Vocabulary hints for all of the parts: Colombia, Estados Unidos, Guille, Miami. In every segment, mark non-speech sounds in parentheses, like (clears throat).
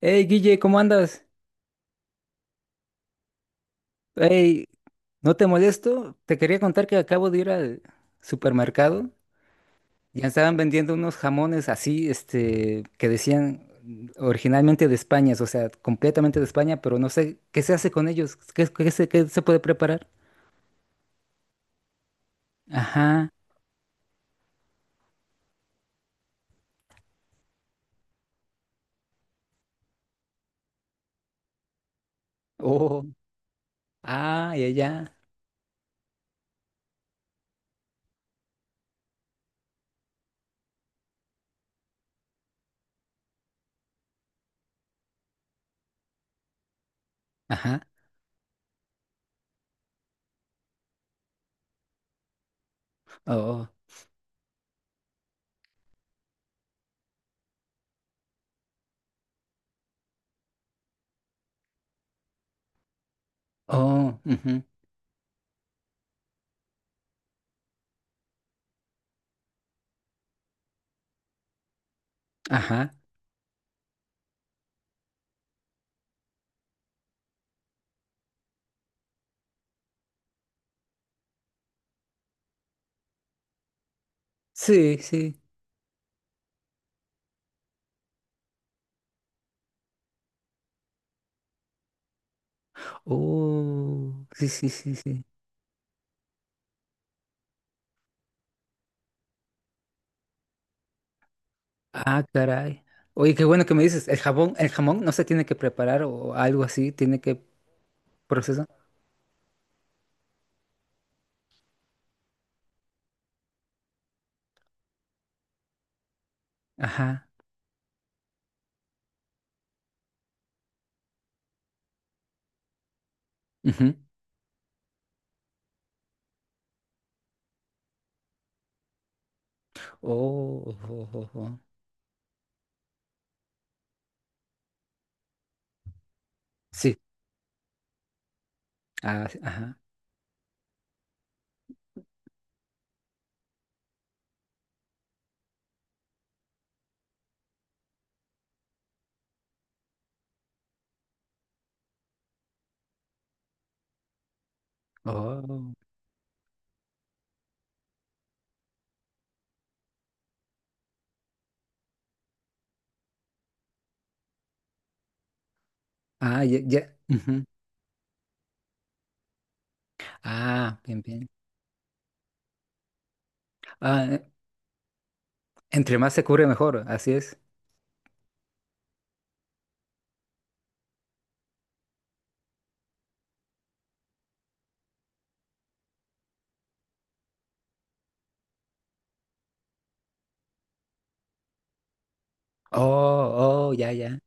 Hey, Guille, ¿cómo andas? Hey, no te molesto. Te quería contar que acabo de ir al supermercado. Ya estaban vendiendo unos jamones así, que decían originalmente de España, o sea, completamente de España, pero no sé qué se hace con ellos, qué se puede preparar. Ajá. Oh, ah, ya, ya. Ajá. Oh, oh, ujú. Ajá. Sí, sí. Oh, sí, sí, sí, sí. Ah, caray. Oye, qué bueno que me dices, el jamón no se tiene que preparar o algo así, tiene que procesar. Ajá, ujú. Oh, oh, oh, oh. Sí. Ah, sí, ajá. Oh. Ah, ya, ya, ujú. Ah, bien, bien. Ah, entre más se cubre mejor, así es. Oh, oh, ya, ya.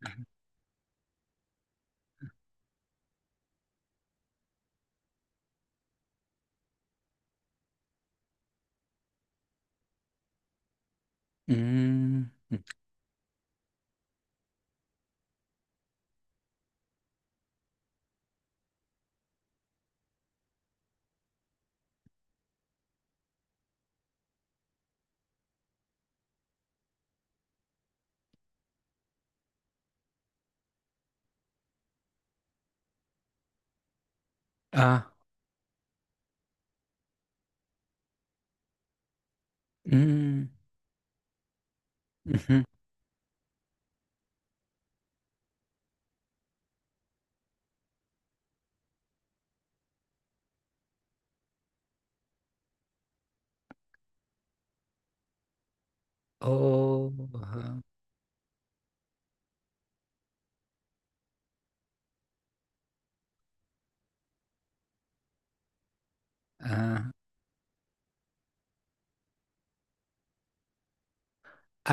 Mm, mm. Ah, mm, ujú. Oh, ajá. Ah,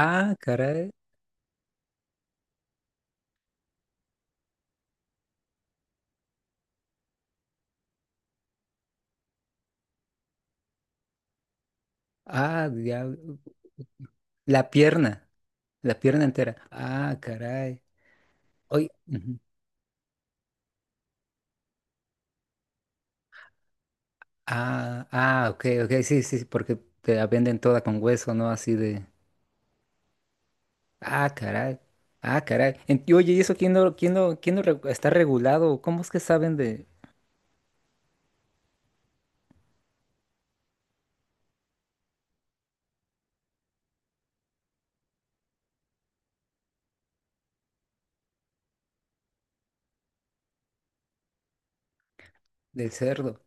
ah, caray. Ah, diablo. La pierna. La pierna entera. Ah, caray. Oye, ujú. Ah, ah, ok, ok, sí, sí, sí, porque te la venden toda con hueso, ¿no? Así de. Ah, caray. Ah, caray. En- y oye, ¿y eso quién no, quién no, quién no regu- está regulado? ¿Cómo es que saben de, del cerdo?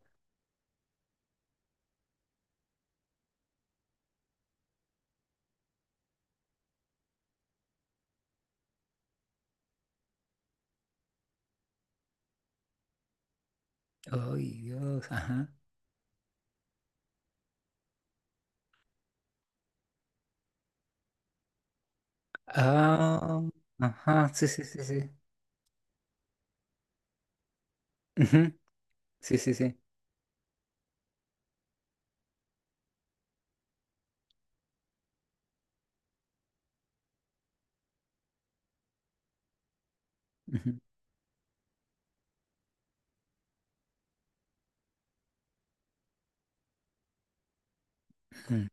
Ay, Dios, ajá. Ah, ajá, sí, sí, sí, sí. Ujú. Sí, sí, sí. Ujú, ujú,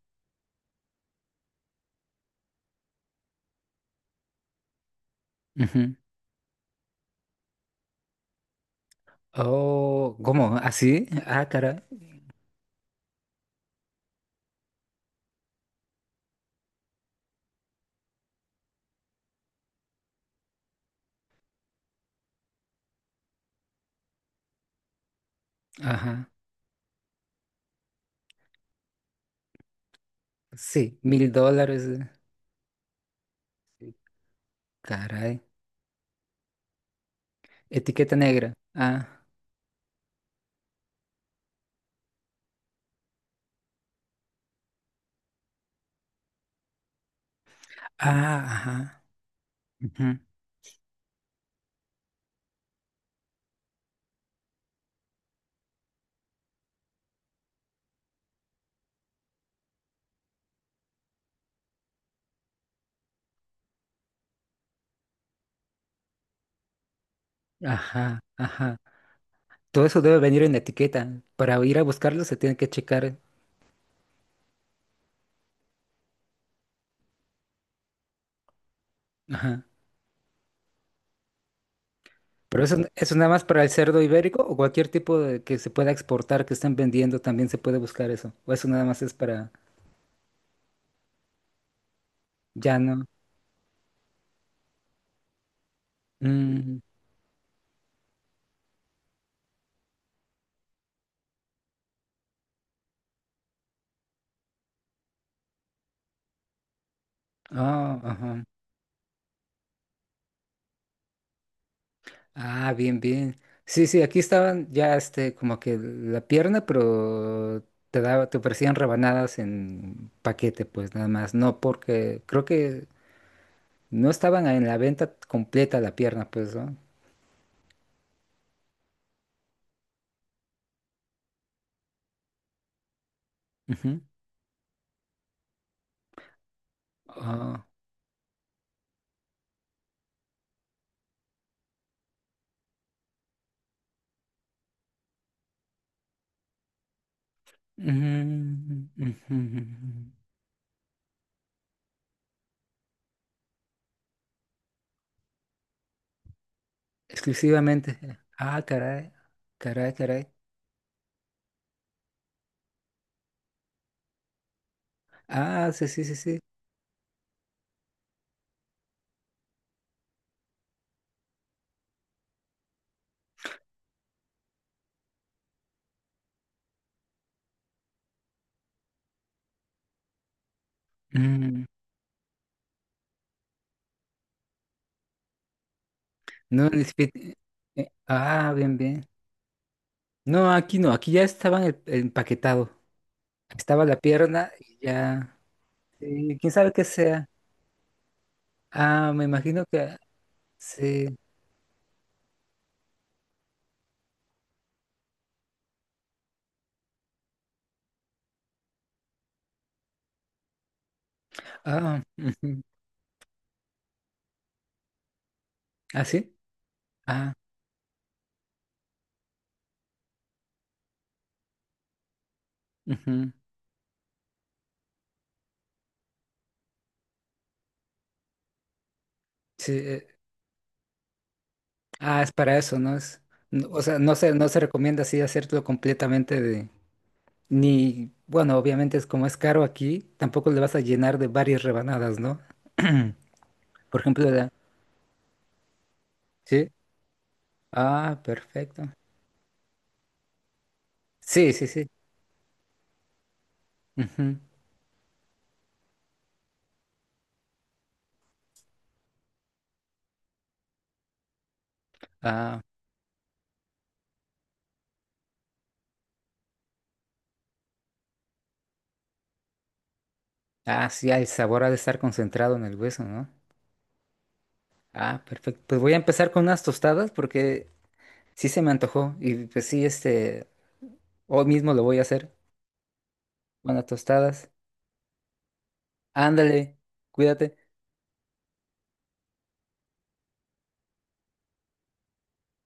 ujú. Oh, ¿cómo? ¿Así? Ah, caray. Ajá. Sí, 1.000 dólares, eh. Sí. Caray. Etiqueta negra. Ah, ah, ajá, ujú. Ajá, ajá. Todo eso debe venir en etiqueta. Para ir a buscarlo se tiene que checar. Ajá. Pero eso nada más para el cerdo ibérico o cualquier tipo de que se pueda exportar, que estén vendiendo, también se puede buscar eso. O eso nada más es para ya no. Mm, ah, ajá. Ah, bien, bien. Sí, sí, aquí estaban ya como que la pierna, pero te daba, te ofrecían rebanadas en paquete, pues nada más. No porque creo que no estaban en la venta completa la pierna, pues, ¿no? Ujú. Ah, ujú, ujú. Exclusivamente. Ah, caray. Caray, caray. Ah, sí, sí, sí, sí. Mm. No, ni siquiera- ah, bien, bien. No, aquí no, aquí ya estaban el empaquetado. Estaba la pierna y ya. Sí, quién sabe qué sea. Ah, me imagino que sí. Ah, ujú. ¿Ah, sí? Ah, ujú. Sí. Ah, es para eso, ¿no? Es, no- o sea, no se, no se recomienda así hacerlo completamente de, ni, bueno, obviamente es como es caro aquí, tampoco le vas a llenar de varias rebanadas, ¿no? (clears throat) Por ejemplo, la- sí. Ah, perfecto. Sí, sí, sí. Ujú. Ah, ah, sí, el sabor ha de estar concentrado en el hueso, ¿no? Ah, perfecto. Pues voy a empezar con unas tostadas porque sí se me antojó y pues sí, hoy mismo lo voy a hacer. Unas tostadas. Ándale, cuídate.